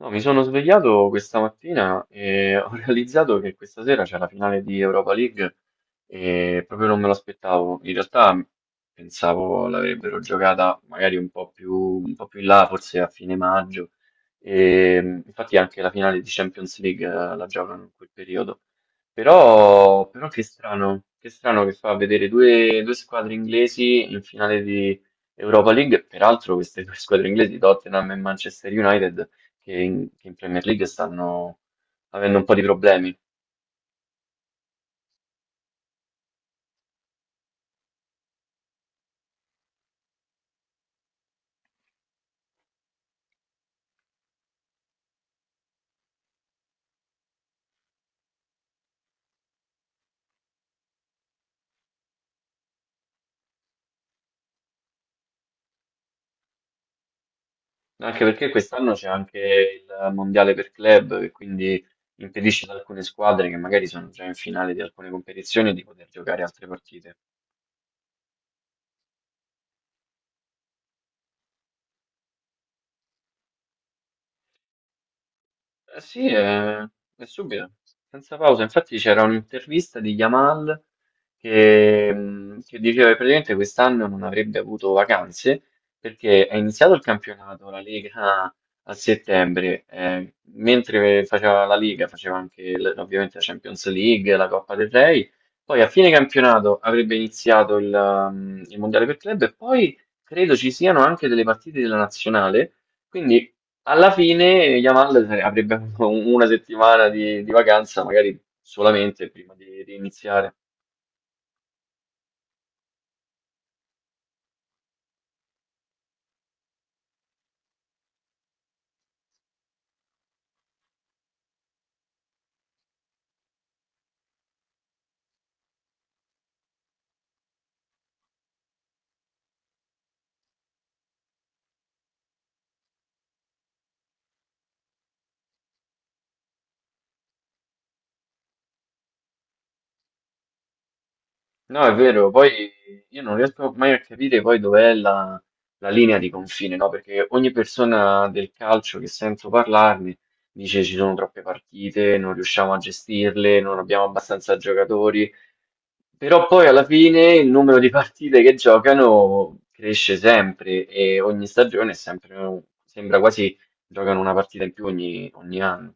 No, mi sono svegliato questa mattina e ho realizzato che questa sera c'è la finale di Europa League e proprio non me lo aspettavo. In realtà pensavo l'avrebbero giocata magari un po' più in là, forse a fine maggio. E, infatti anche la finale di Champions League la giocano in quel periodo. Però, che strano, che fa vedere due squadre inglesi in finale di Europa League. Peraltro queste due squadre inglesi, Tottenham e Manchester United, che in Premier League stanno avendo un po' di problemi, anche perché quest'anno c'è anche il mondiale per club, che quindi impedisce ad alcune squadre che magari sono già in finale di alcune competizioni di poter giocare altre partite. Eh sì, è subito, senza pausa. Infatti c'era un'intervista di Yamal che diceva che praticamente quest'anno non avrebbe avuto vacanze perché è iniziato il campionato, la Lega a settembre, mentre faceva la Lega, faceva anche ovviamente la Champions League, la Coppa del Re, poi a fine campionato avrebbe iniziato il Mondiale per club e poi credo ci siano anche delle partite della nazionale. Quindi alla fine Yamal avrebbe una settimana di vacanza, magari solamente prima di riniziare. No, è vero, poi io non riesco mai a capire poi la linea di confine, no? Perché ogni persona del calcio che sento parlarne dice ci sono troppe partite, non riusciamo a gestirle, non abbiamo abbastanza giocatori. Però poi alla fine il numero di partite che giocano cresce sempre e ogni stagione è sempre, sembra quasi giocano una partita in più ogni anno.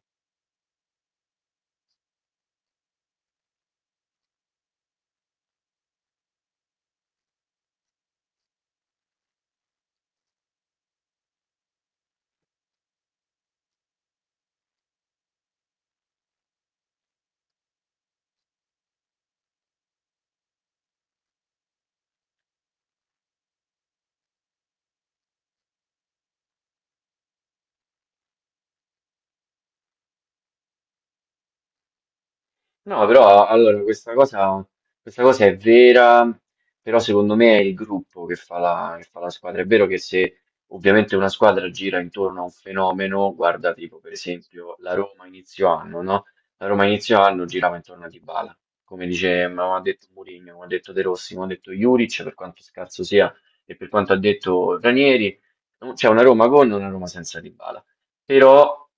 No, però allora questa cosa è vera, però secondo me è il gruppo che fa la squadra. È vero che se ovviamente una squadra gira intorno a un fenomeno, guarda tipo per esempio la Roma inizio anno, no? La Roma inizio anno girava intorno a Dybala, come dice, ma ha detto Mourinho, come ha detto De Rossi, come ha detto Juric, per quanto scarso sia e per quanto ha detto Ranieri, c'è una Roma con e una Roma senza Dybala. Però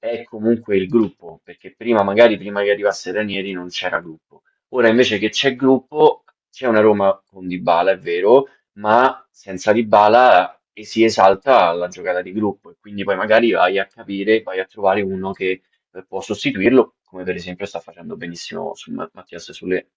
è comunque il gruppo, perché prima che arrivasse Ranieri non c'era gruppo. Ora invece che c'è gruppo, c'è una Roma con Dybala, è vero, ma senza Dybala e si esalta la giocata di gruppo e quindi poi magari vai a capire, vai a trovare uno che può sostituirlo, come per esempio sta facendo benissimo su Mattias Sule.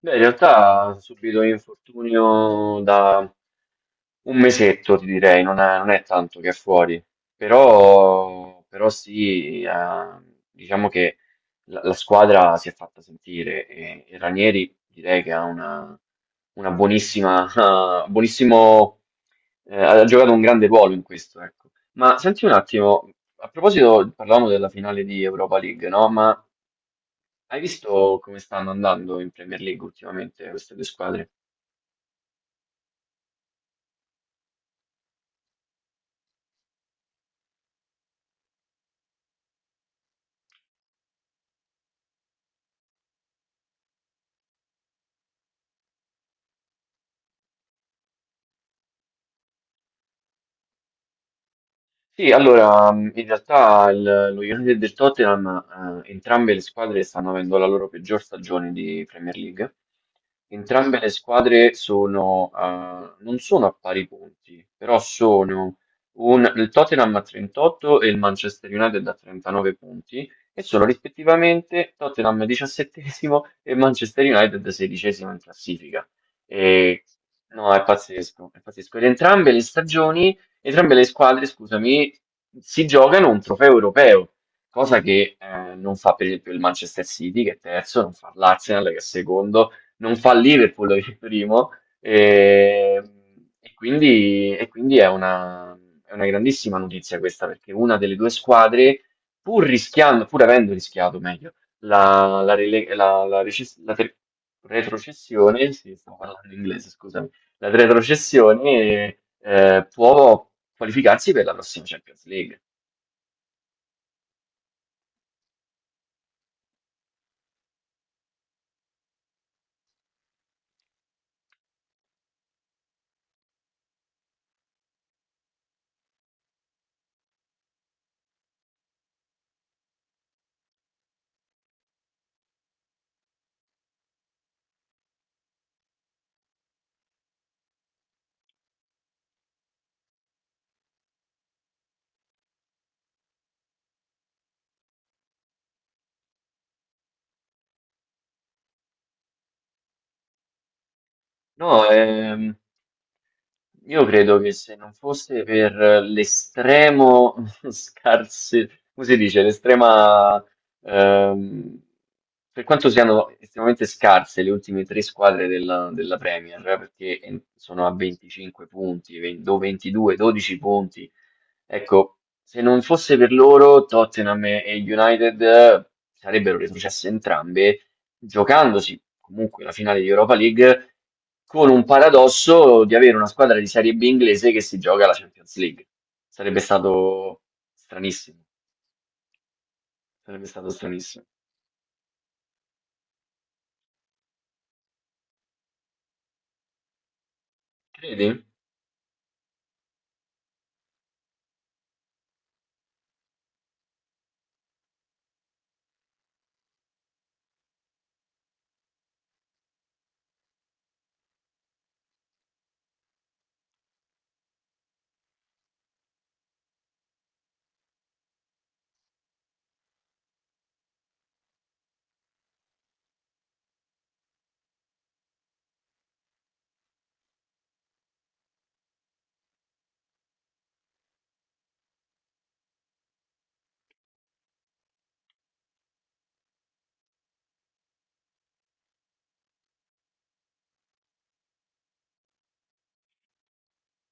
Beh, in realtà ha subito un infortunio da un mesetto, ti direi, non è tanto che è fuori, però, sì, diciamo la squadra si è fatta sentire e Ranieri direi che ha una buonissima, ah, buonissimo, ha giocato un grande ruolo in questo, ecco. Ma senti un attimo, a proposito, parlavamo della finale di Europa League, no? Ma hai visto come stanno andando in Premier League ultimamente queste due squadre? Sì, allora, in realtà lo United e il Tottenham, entrambe le squadre stanno avendo la loro peggior stagione di Premier League. Entrambe le squadre non sono a pari punti, però sono il Tottenham a 38 e il Manchester United a 39 punti e sono rispettivamente Tottenham 17esimo e Manchester United 16esimo in classifica. E, no, è pazzesco, è pazzesco. Ed entrambe le stagioni entrambe le squadre, scusami, si giocano un trofeo europeo, cosa che non fa per esempio il Manchester City che è terzo, non fa l'Arsenal che è secondo, non fa il Liverpool che è primo, e, e quindi, è è una grandissima notizia questa perché una delle due squadre, pur avendo rischiato meglio, la, la, rele- la- la reces- la ter- retrocessione, sì, stavo parlando in inglese, scusami la retrocessione può qualificarsi per la prossima Champions League. No, io credo che se non fosse per l'estremo scarse, come si dice, l'estrema, ehm, per quanto siano estremamente scarse le ultime tre squadre della Premier, perché sono a 25 punti, 20 o 22, 12 punti, ecco, se non fosse per loro, Tottenham e United sarebbero retrocesse entrambe giocandosi comunque la finale di Europa League, con un paradosso di avere una squadra di Serie B inglese che si gioca la Champions League. Sarebbe stato stranissimo. Sarebbe stato stranissimo. Credi?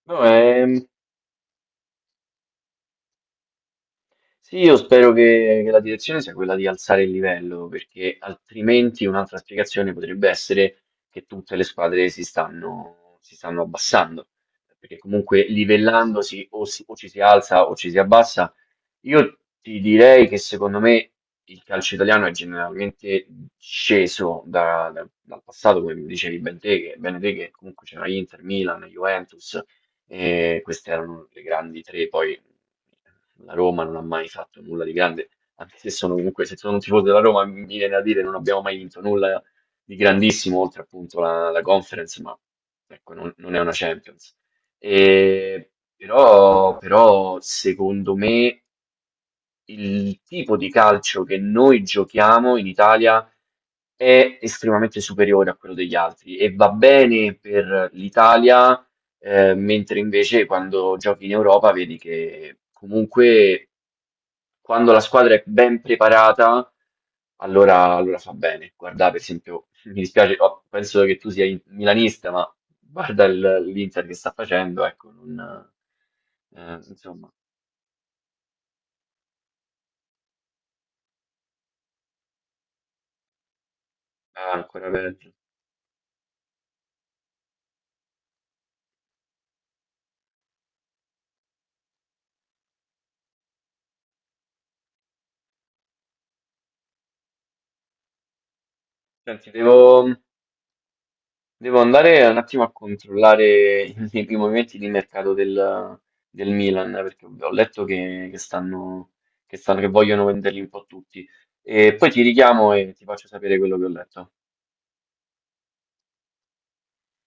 No, è, Sì, io spero che la direzione sia quella di alzare il livello, perché altrimenti un'altra spiegazione potrebbe essere che tutte le squadre si stanno abbassando, perché comunque livellandosi o o ci si alza o ci si abbassa. Io ti direi che secondo me il calcio italiano è generalmente sceso dal passato, come dicevi ben te, che, bene te, che comunque c'era Inter, Milan, Juventus, e queste erano le grandi tre, poi la Roma non ha mai fatto nulla di grande, anche se sono un tifoso della Roma mi viene da dire non abbiamo mai vinto nulla di grandissimo, oltre appunto la Conference, ma ecco, non è una Champions. E, però, secondo me il tipo di calcio che noi giochiamo in Italia è estremamente superiore a quello degli altri e va bene per l'Italia mentre invece quando giochi in Europa vedi che comunque quando la squadra è ben preparata, allora, fa bene. Guarda, per esempio, mi dispiace, oh, penso che tu sia milanista, ma guarda l'Inter che sta facendo, ecco, non, insomma, è ancora peggio. Senti, devo andare un attimo a controllare i primi movimenti di mercato del Milan, perché ho letto che stanno, che vogliono venderli un po' tutti. E poi ti richiamo e ti faccio sapere quello che ho letto.